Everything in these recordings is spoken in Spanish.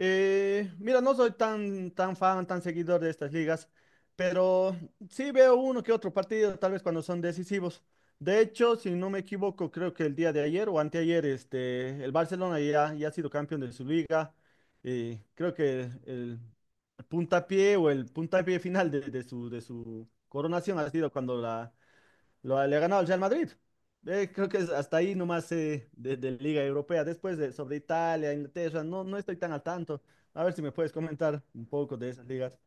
Mira, no soy tan fan, tan seguidor de estas ligas, pero sí veo uno que otro partido, tal vez cuando son decisivos. De hecho, si no me equivoco, creo que el día de ayer o anteayer, este, el Barcelona ya ha sido campeón de su liga. Y creo que el puntapié o el puntapié final de su coronación ha sido cuando le ha ganado al Real Madrid. Creo que es hasta ahí nomás de Liga Europea. Después sobre Italia, Inglaterra, no, no estoy tan al tanto. A ver si me puedes comentar un poco de esas ligas.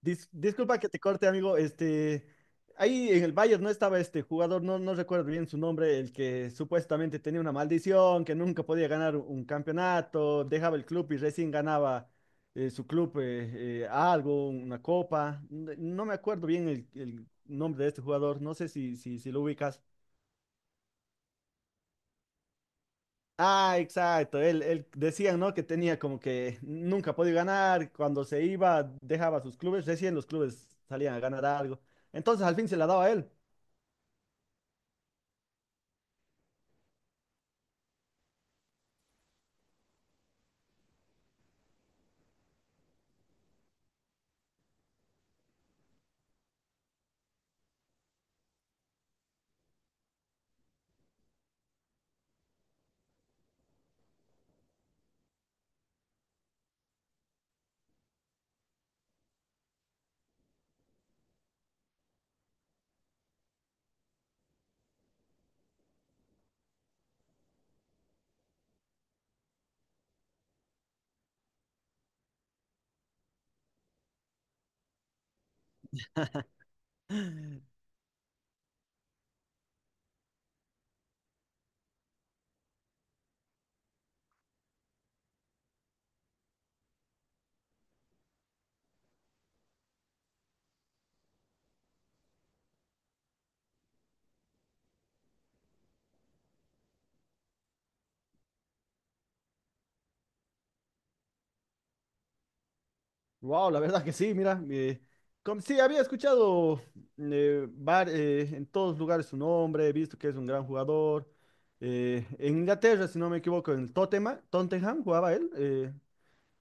Disculpa que te corte, amigo. Este, ahí en el Bayern no estaba este jugador, no, no recuerdo bien su nombre, el que supuestamente tenía una maldición, que nunca podía ganar un campeonato, dejaba el club y recién ganaba su club algo, una copa. No me acuerdo bien el nombre de este jugador, no sé si, si, si lo ubicas. Ah, exacto. Él decían, ¿no? Que tenía como que nunca podía ganar. Cuando se iba, dejaba sus clubes. Recién los clubes salían a ganar algo. Entonces al fin se la daba a él. Wow, la verdad que sí, mira. Sí, había escuchado en todos lugares su nombre, he visto que es un gran jugador. En Inglaterra, si no me equivoco, en el Tottenham, Tottenham jugaba él.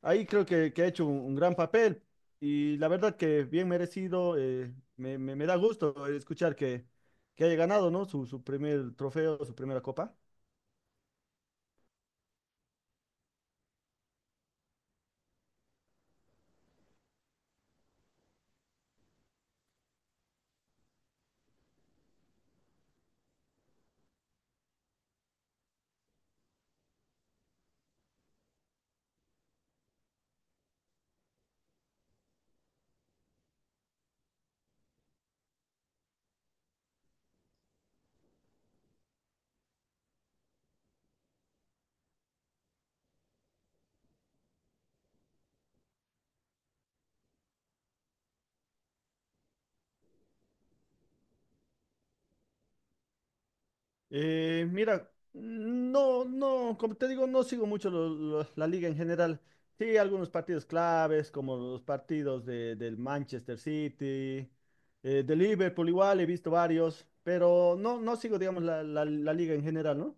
Ahí creo que ha hecho un gran papel y la verdad que bien merecido, me da gusto escuchar que haya ganado, ¿no? Su primer trofeo, su primera copa. Mira, no, no, como te digo, no sigo mucho la liga en general. Sí, algunos partidos claves, como los partidos del Manchester City, de Liverpool igual, he visto varios, pero no, no sigo, digamos, la liga en general, ¿no?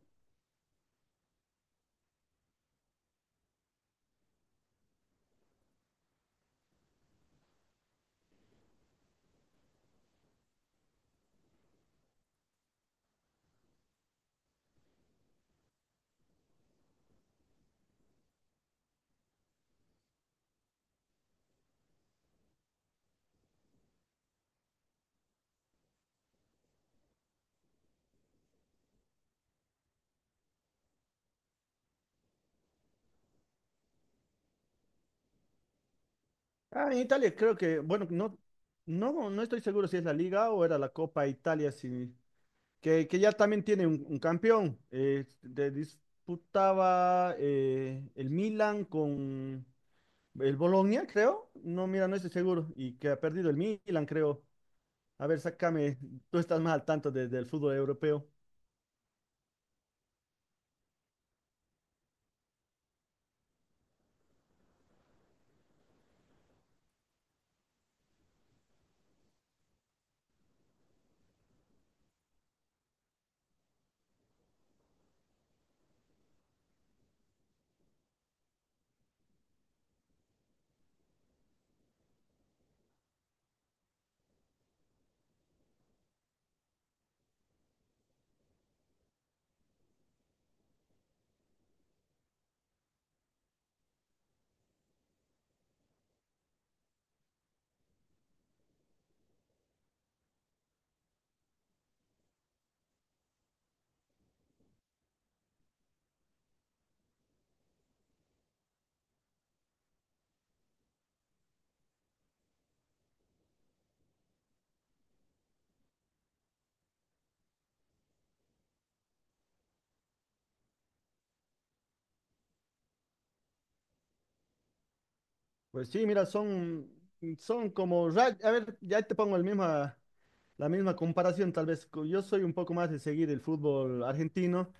Ah, en Italia creo que, bueno, no, no, no estoy seguro si es la Liga o era la Copa Italia, sí. Que ya también tiene un campeón. Disputaba el Milan con el Bologna, creo. No, mira, no estoy seguro. Y que ha perdido el Milan, creo. A ver, sácame, tú estás más al tanto del fútbol europeo. Pues sí, mira, son como, a ver, ya te pongo la misma comparación tal vez. Yo soy un poco más de seguir el fútbol argentino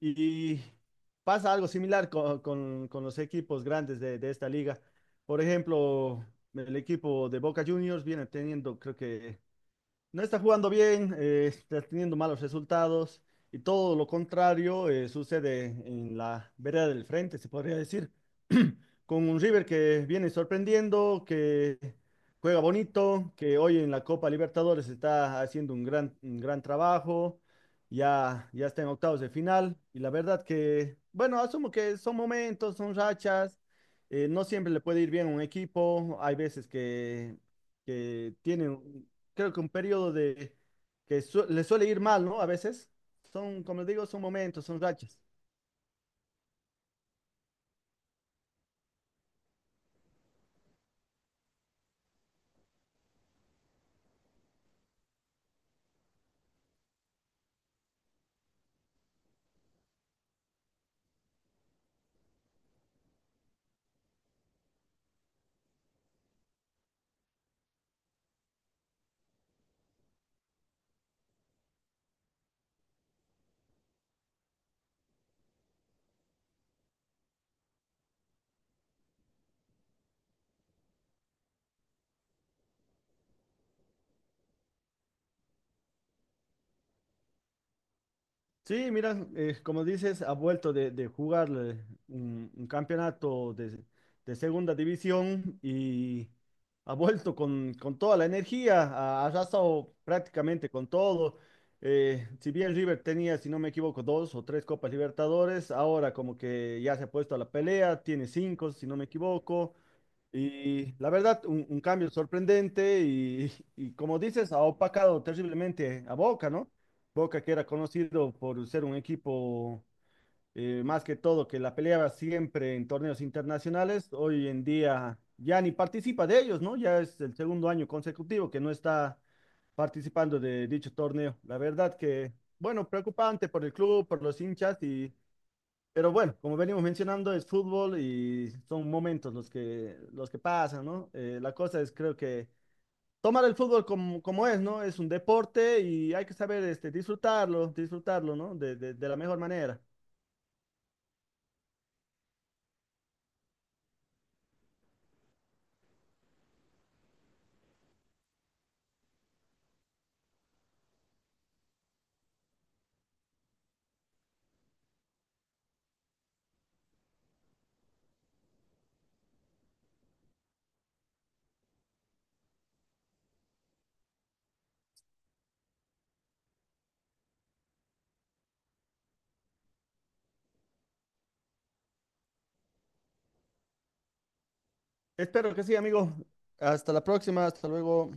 y pasa algo similar con los equipos grandes de esta liga. Por ejemplo, el equipo de Boca Juniors viene teniendo, creo que no está jugando bien, está teniendo malos resultados y todo lo contrario sucede en la vereda del frente, se podría decir, con un River que viene sorprendiendo, que juega bonito, que hoy en la Copa Libertadores está haciendo un, gran, un gran trabajo, ya está en octavos de final y la verdad que, bueno, asumo que son momentos, son rachas, no siempre le puede ir bien a un equipo, hay veces que tienen creo que un periodo de que le suele ir mal, ¿no? A veces son, como digo, son momentos, son rachas. Sí, mira, como dices, ha vuelto de jugar un campeonato de segunda división y ha vuelto con toda la energía, ha arrasado prácticamente con todo. Si bien River tenía, si no me equivoco, dos o tres Copas Libertadores, ahora como que ya se ha puesto a la pelea, tiene cinco, si no me equivoco. Y la verdad, un cambio sorprendente y, y como dices, ha opacado terriblemente a Boca, ¿no? Boca que era conocido por ser un equipo más que todo que la peleaba siempre en torneos internacionales, hoy en día ya ni participa de ellos, ¿no? Ya es el segundo año consecutivo que no está participando de dicho torneo. La verdad que, bueno, preocupante por el club, por los hinchas y pero bueno, como venimos mencionando, es fútbol y son momentos los que pasan, ¿no? La cosa es, creo que tomar el fútbol como, como es, ¿no? Es un deporte y hay que saber este, disfrutarlo, disfrutarlo, ¿no? De la mejor manera. Espero que sí, amigo. Hasta la próxima, hasta luego.